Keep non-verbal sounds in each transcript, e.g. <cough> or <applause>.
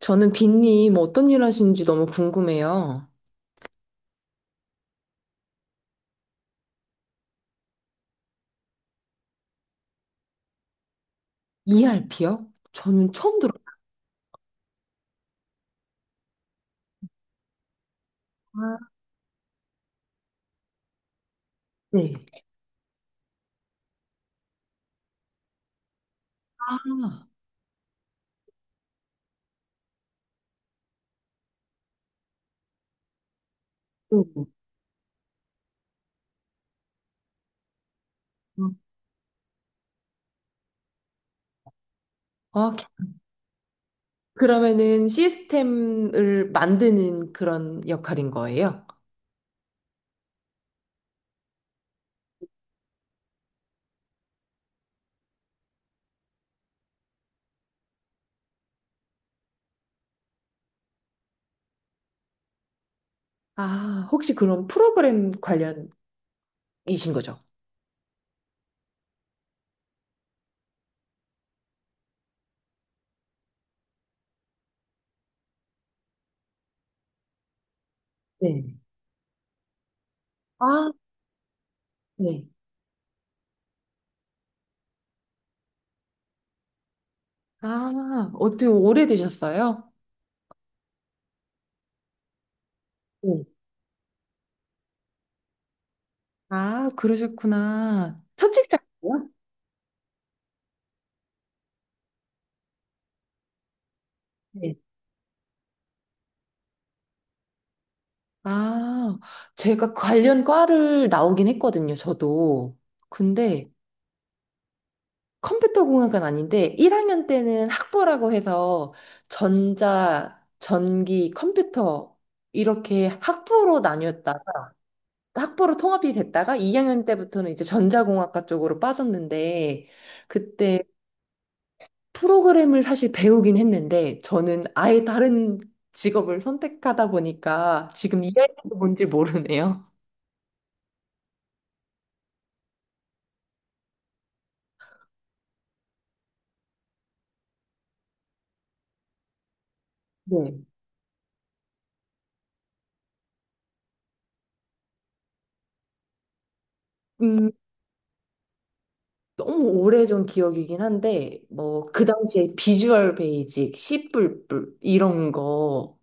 저는 빈님 어떤 일 하시는지 너무 궁금해요. ERP요? 저는 처음 들어요. 아, 네. 네. 아, 그러면은 시스템을 만드는 그런 역할인 거예요? 아, 혹시 그런 프로그램 관련이신 거죠? 네. 아, 네. 아, 어떻게 오래되셨어요? 네. 아, 그러셨구나. 첫 직장이요? 네. 아, 제가 관련 과를 나오긴 했거든요, 저도. 근데 컴퓨터 공학은 아닌데 1학년 때는 학부라고 해서 전자, 전기, 컴퓨터 이렇게 학부로 나뉘었다. 학부로 통합이 됐다가 2학년 때부터는 이제 전자공학과 쪽으로 빠졌는데 그때 프로그램을 사실 배우긴 했는데 저는 아예 다른 직업을 선택하다 보니까 지금 이 학년도 뭔지 모르네요. 네. 음, 너무 오래전 기억이긴 한데 뭐 그 당시에 비주얼 베이직, 씨뿔뿔 이런 거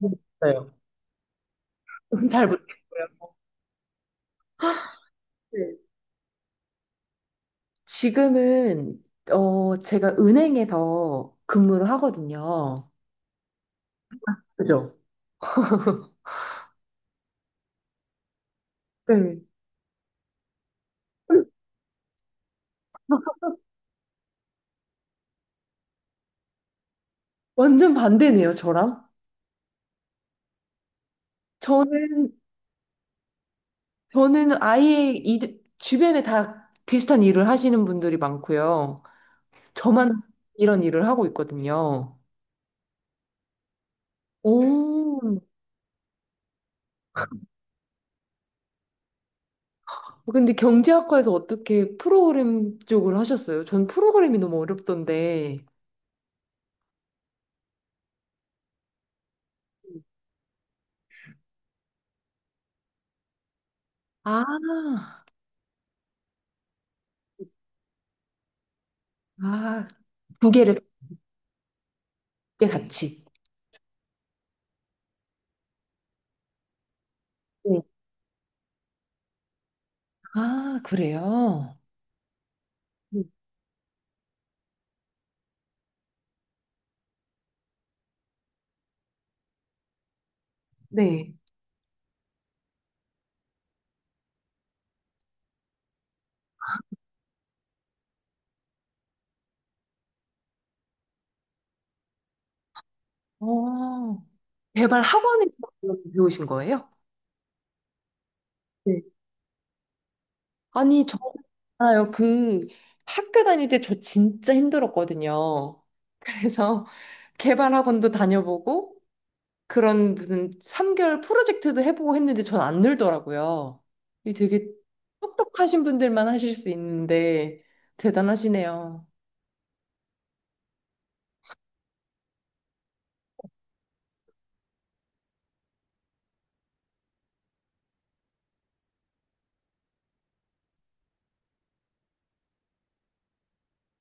있어요. <laughs> 잘 모르겠고요. 네. 지금은 어 제가 은행에서 근무를 하거든요. 그죠? 네. <laughs> 완전 반대네요, 저랑. 저는 저는 아예 이 주변에 다 비슷한 일을 하시는 분들이 많고요. 저만 이런 일을 하고 있거든요. 오. 근데 경제학과에서 어떻게 프로그램 쪽을 하셨어요? 전 프로그램이 너무 어렵던데. 아, 아, 두 개를 꽤 같이. 네. 아, 그래요? 네. 네. 어, 개발 학원에서 배우신 거예요? 네. 아니, 저 알아요. 그 학교 다닐 때 저 진짜 힘들었거든요. 그래서 <laughs> 개발 학원도 다녀보고 그런 무슨 3개월 프로젝트도 해보고 했는데 전 안 늘더라고요. 이 되게 똑똑하신 분들만 하실 수 있는데 대단하시네요.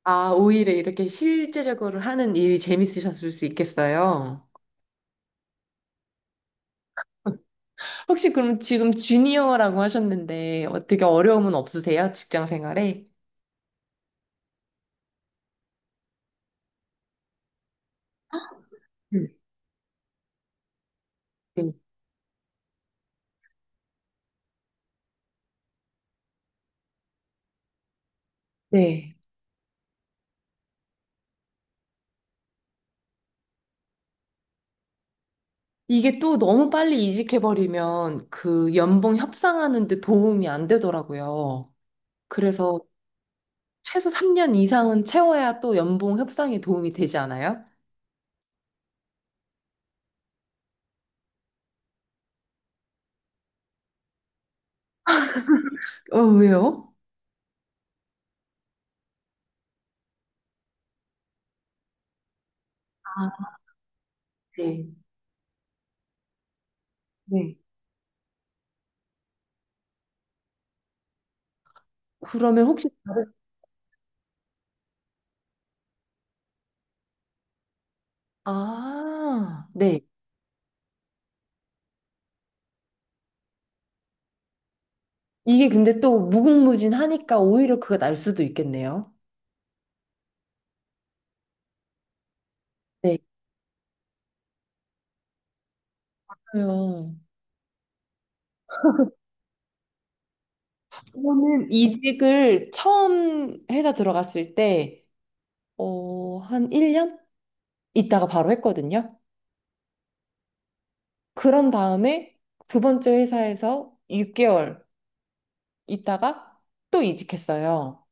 아, 오히려 이렇게 실제적으로 하는 일이 재밌으셨을 수 있겠어요. 혹시 그럼 지금 주니어라고 하셨는데 어떻게 어려움은 없으세요? 직장 생활에? 음, 음. 네. 네. 네. 이게 또 너무 빨리 이직해버리면 그 연봉 협상하는데 도움이 안 되더라고요. 그래서 최소 3년 이상은 채워야 또 연봉 협상에 도움이 되지 않아요? 어, 왜요? 아, 네. 네. 그러면 혹시, 아, 네. 이게 근데 또 무궁무진하니까 오히려 그가 날 수도 있겠네요. 네. 그래요. 저는 이직을 처음 회사 들어갔을 때, 어, 한 1년 있다가 바로 했거든요. 그런 다음에 두 번째 회사에서 6개월 있다가 또 이직했어요.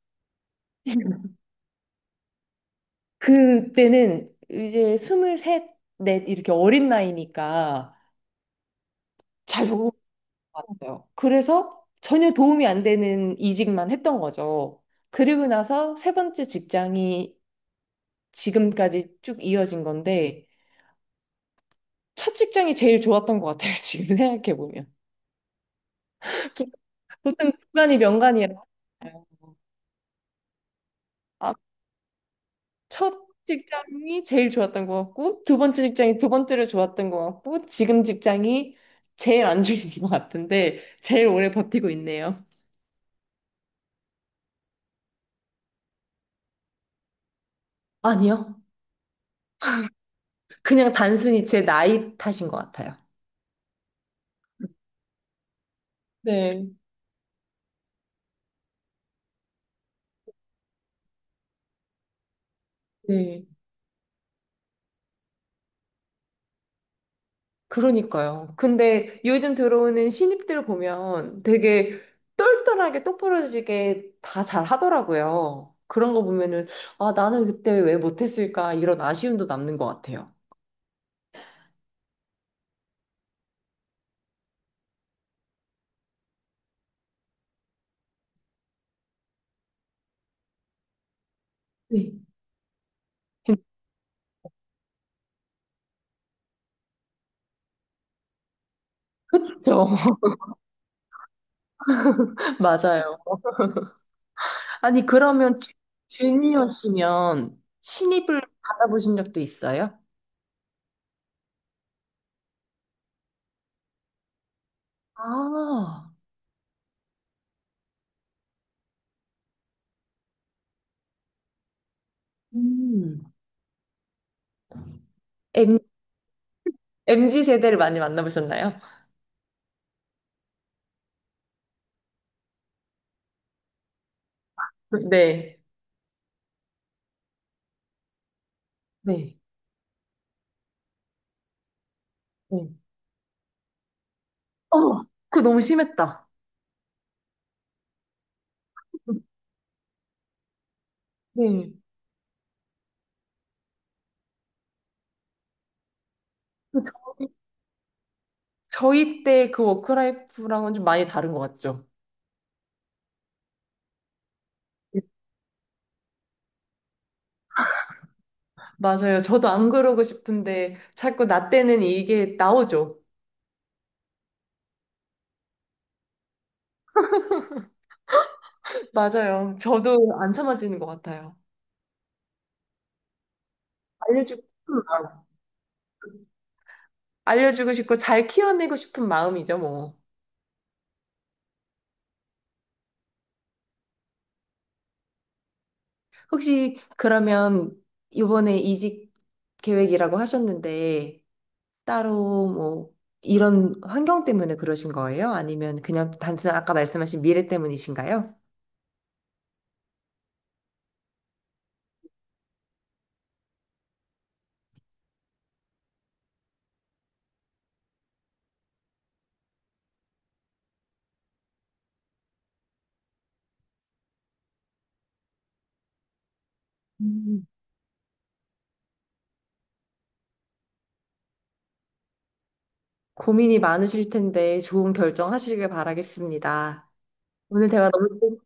그때는 이제 스물셋, 넷 이렇게 어린 나이니까 잘 적응을 못했어요. 그래서 전혀 도움이 안 되는 이직만 했던 거죠. 그리고 나서 세 번째 직장이 지금까지 쭉 이어진 건데 첫 직장이 제일 좋았던 것 같아요. 지금 생각해 보면 보통 구간이 명간이라 첫 직장이 제일 좋았던 것 같고, 두 번째 직장이 두 번째로 좋았던 것 같고, 지금 직장이 제일 안 좋은 것 같은데, 제일 오래 버티고 있네요. 아니요. 그냥 단순히 제 나이 탓인 것 같아요. 네, 네. 그러니까요. 근데 요즘 들어오는 신입들 보면 되게 똘똘하게 똑부러지게 다 잘 하더라고요. 그런 거 보면은, 아, 나는 그때 왜 못했을까? 이런 아쉬움도 남는 것 같아요. 네. 그렇죠. <laughs> 맞아요. 아니, 그러면 주니어시면 신입을 받아보신 적도 있어요? 아, 음. M, MZ 세대를 많이 만나보셨나요? <laughs> 네. 네. 네. 어머, 그거 너무 심했다. 네. 그 저희, 저희 때 그 워크라이프랑은 좀 많이 다른 것 같죠? 맞아요. 저도 안 그러고 싶은데 자꾸 나 때는 이게 나오죠. 맞아요. 저도 안 참아지는 것 같아요. 알려주고. 알려주고 싶고 잘 키워내고 싶은 마음이죠, 뭐. 혹시 그러면 이번에 이직 계획이라고 하셨는데 따로 뭐 이런 환경 때문에 그러신 거예요? 아니면 그냥 단순히 아까 말씀하신 미래 때문이신가요? 음. 고민이 많으실 텐데 좋은 결정 하시길 바라겠습니다. 오늘 대화 너무 즐거웠어요